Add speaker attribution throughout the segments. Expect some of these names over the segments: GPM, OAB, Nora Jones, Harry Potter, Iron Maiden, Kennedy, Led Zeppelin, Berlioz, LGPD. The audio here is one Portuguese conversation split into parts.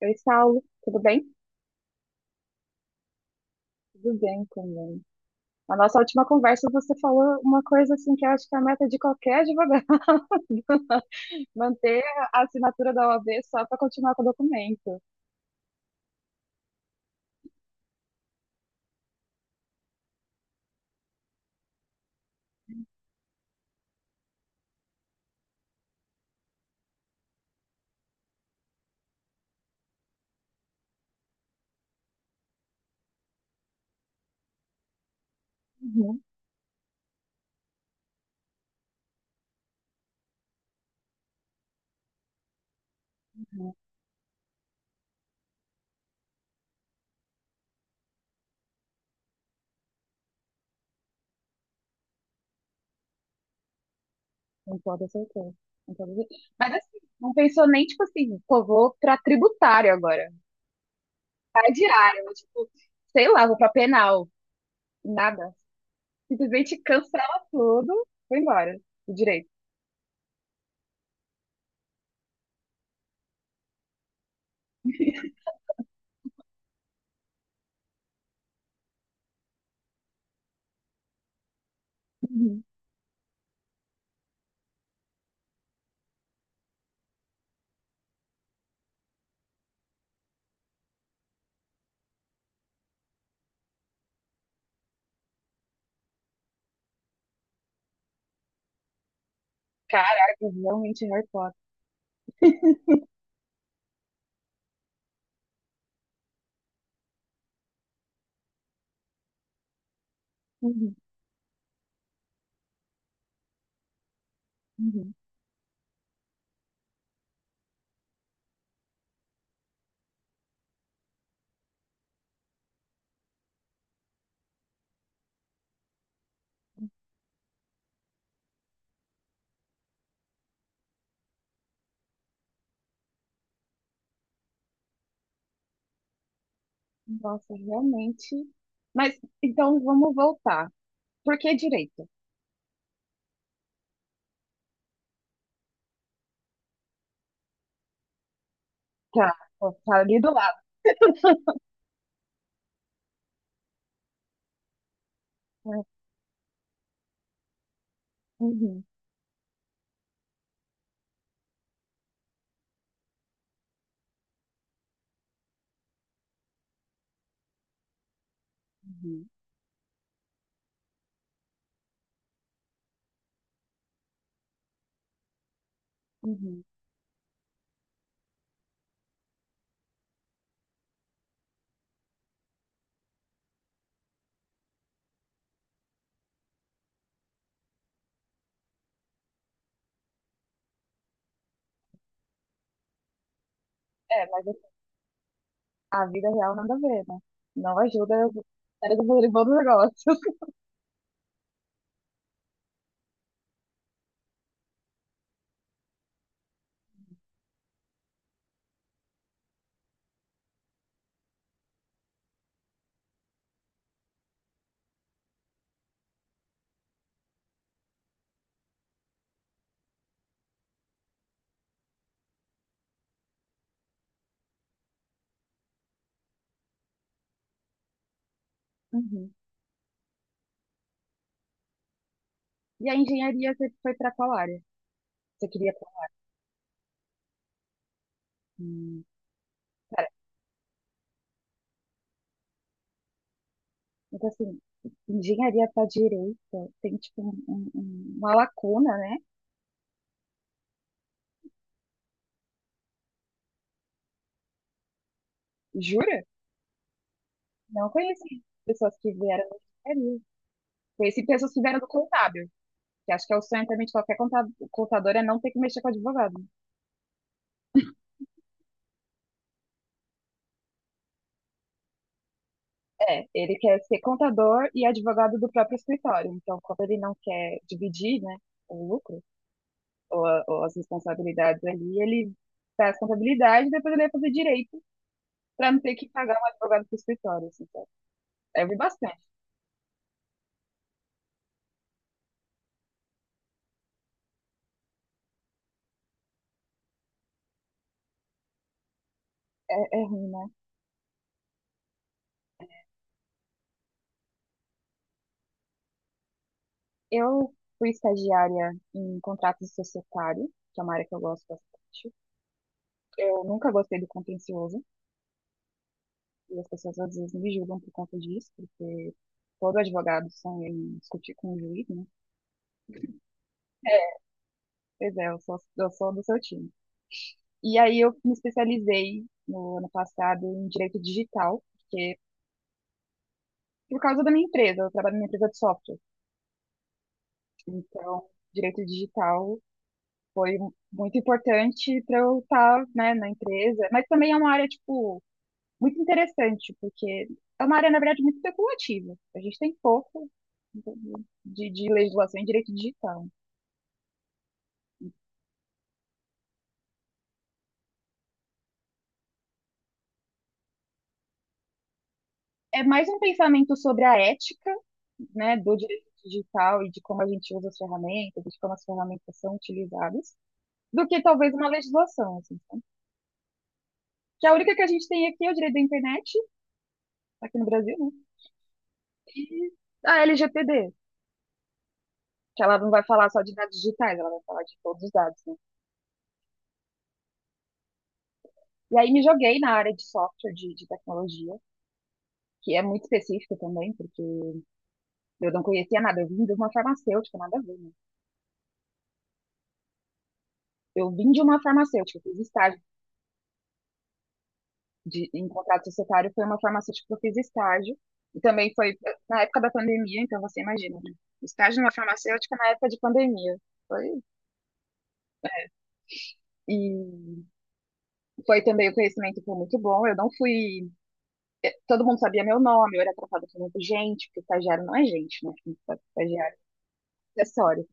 Speaker 1: Oi, Saulo, tudo bem? Tudo bem também. Na nossa última conversa, você falou uma coisa assim que eu acho que é a meta de qualquer advogado, manter a assinatura da OAB só para continuar com o documento. Uhum, uhum, com toda certeza. Com toda certeza. Mas assim, não pensou nem tipo assim, pô, vou para tributário agora, para diário, tipo, sei lá, vou para penal, nada. Simplesmente cancela tudo, foi embora, o direito. Uhum. Caraca, realmente Harry Potter. Uhum, uhum. Nossa, realmente. Mas então vamos voltar. Por que direito? Tá, ó, tá ali do lado. Né? Uhum, uhum, uhum. É, mas assim, a vida real nada a ver, né? Não ajuda o cérebro do bom do negócio. Uhum. E a engenharia você foi para qual área? Você queria. Hum, cara, então assim, engenharia para direito tem tipo uma lacuna, né? Jura? Não conheci pessoas que vieram da engenharia. Conheci pessoas que vieram do contábil. Que acho que é o sonho também de qualquer contador é não ter que mexer com advogado. É, ele quer ser contador e advogado do próprio escritório. Então, quando ele não quer dividir, né, o lucro ou, ou as responsabilidades ali, ele faz contabilidade e depois ele vai fazer direito para não ter que pagar um advogado pro escritório. Assim, sabe? Eu vi bastante. É, é ruim, né? Eu fui estagiária em contratos societários, que é uma área que eu gosto bastante. Eu nunca gostei do contencioso. E as pessoas às vezes me julgam por conta disso, porque todo advogado sonha em discutir com o juiz, né? Pois é, eu sou do seu time. E aí eu me especializei no ano passado em direito digital, por causa da minha empresa, eu trabalho numa empresa de software. Então, direito digital foi muito importante para eu estar, né, na empresa, mas também é uma área, tipo, muito interessante, porque é uma área, na verdade, muito especulativa. A gente tem pouco de legislação em direito digital. É mais um pensamento sobre a ética, né, do direito digital e de como a gente usa as ferramentas, de como as ferramentas são utilizadas, do que talvez uma legislação, assim, sabe? Que a única que a gente tem aqui é o direito da internet, aqui no Brasil, né? E a LGPD, que ela não vai falar só de dados digitais, ela vai falar de todos os dados, né? E aí me joguei na área de software, de tecnologia, que é muito específica também, porque eu não conhecia nada, eu vim de uma farmacêutica, nada a ver, né? Eu vim de uma farmacêutica, fiz estágio em contrato societário foi uma farmacêutica que eu fiz estágio. E também foi na época da pandemia, então você imagina, né? Estágio numa farmacêutica na época de pandemia. Foi. E foi também o conhecimento foi muito bom. Eu não fui. Todo mundo sabia meu nome, eu era tratada como gente, porque estagiário não é gente, né? Estagiário é acessório.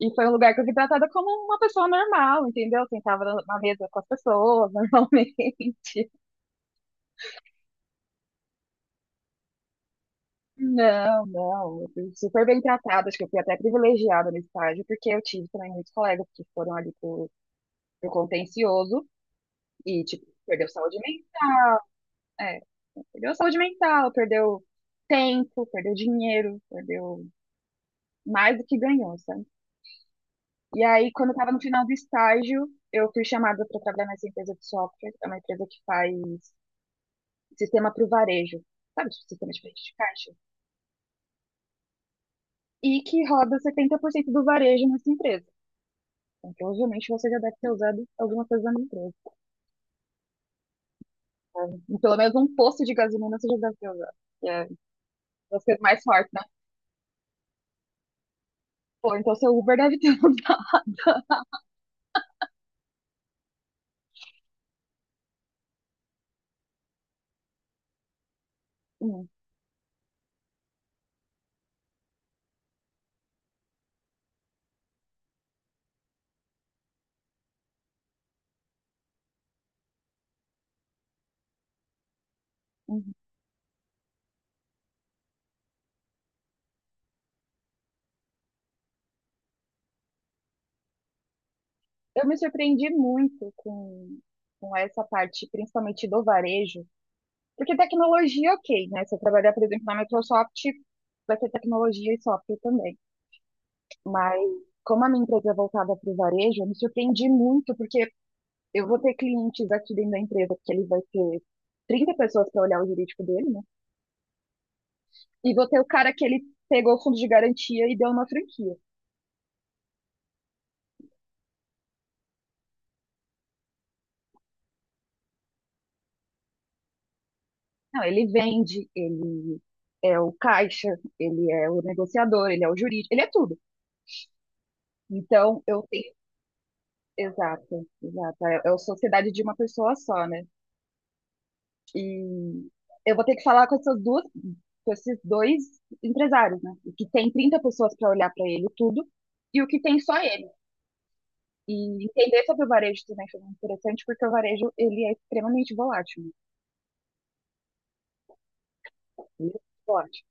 Speaker 1: E foi um lugar que eu fui tratada como uma pessoa normal, entendeu? Eu sentava na mesa com as pessoas normalmente. Não, não, eu fui super bem tratada, acho que eu fui até privilegiada no estágio, porque eu tive também muitos colegas que foram ali pro contencioso e, tipo, perdeu saúde mental, é, perdeu saúde mental, perdeu tempo, perdeu dinheiro, perdeu mais do que ganhou, sabe? E aí, quando eu tava no final do estágio, eu fui chamada para trabalhar nessa empresa de software, é uma empresa que faz sistema para o varejo, sabe, tipo, sistema de frente de caixa, e que roda 70% do varejo nessa empresa. Então, provavelmente você já deve ter usado alguma coisa da minha empresa. Sabe? Pelo menos um posto de gasolina você já deve ter usado. Que É, vai ser mais forte, né? Pô, então seu Uber deve ter usado. Hum, uhum. Eu me surpreendi muito com essa parte, principalmente do varejo. Porque tecnologia, ok, né? Se eu trabalhar, por exemplo, na Microsoft, vai ter tecnologia e software também. Mas como a minha empresa é voltada para o varejo, eu me surpreendi muito, porque eu vou ter clientes aqui dentro da empresa, porque ele vai ter 30 pessoas para olhar o jurídico dele, né? E vou ter o cara que ele pegou o fundo de garantia e deu uma franquia. Não, ele vende, ele é o caixa, ele é o negociador, ele é o jurídico, ele é tudo. Então, eu tenho. Exato, exato. É a sociedade de uma pessoa só, né? E eu vou ter que falar com esses dois empresários, né? O que tem 30 pessoas para olhar para ele tudo e o que tem só ele. E entender sobre o varejo também foi muito interessante, porque o varejo ele é extremamente volátil. Né? Ele é muito volátil.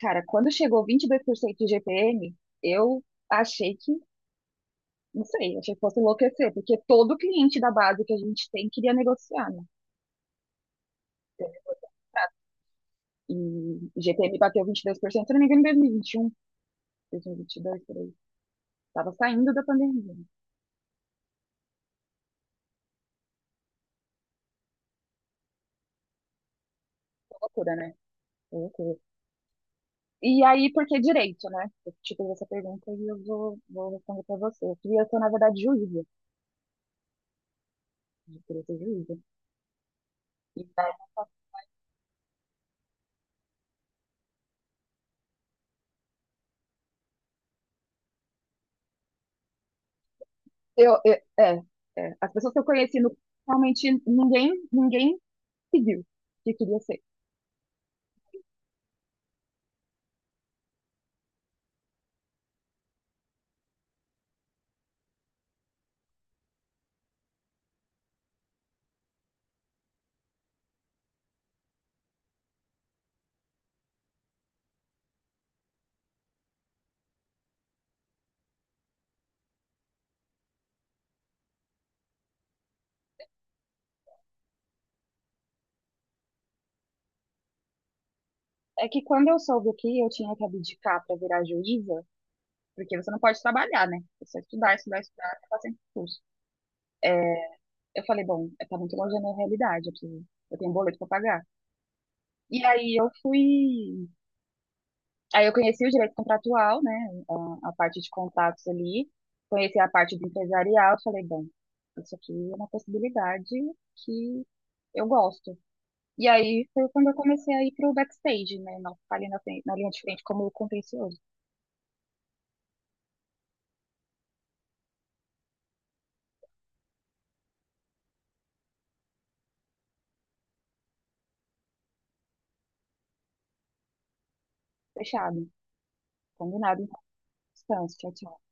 Speaker 1: Cara, quando chegou 22% de GPM, eu achei que, não sei, achei que fosse enlouquecer, porque todo cliente da base que a gente tem queria negociar, né? E GPM bateu 22%, se não me engano, em dois mil e um, 2021, e 2022, por aí. Tava saindo da pandemia. Foi loucura, né? Foi loucura. E aí, por que direito, né? Eu te fiz essa pergunta e eu vou responder pra você. Eu queria ser, na verdade, juíza. Eu queria ser juíza. E daí, eu, eu- é, as pessoas que eu conheci, realmente, ninguém pediu que queria ser. É que quando eu soube que eu tinha que abdicar para virar juíza, porque você não pode trabalhar, né? Você estudar, estudar, estudar, ficar sem curso. É, eu falei, bom, tá muito longe da minha realidade, eu tenho um boleto para pagar. E aí eu fui. Aí eu conheci o direito contratual, né? A parte de contatos ali, conheci a parte do empresarial, eu falei, bom, isso aqui é uma possibilidade que eu gosto. E aí foi quando eu comecei a ir pro backstage, né? Não ficar ali na linha de frente como contencioso. Fechado. Combinado, então. Descanso. Tchau, tchau.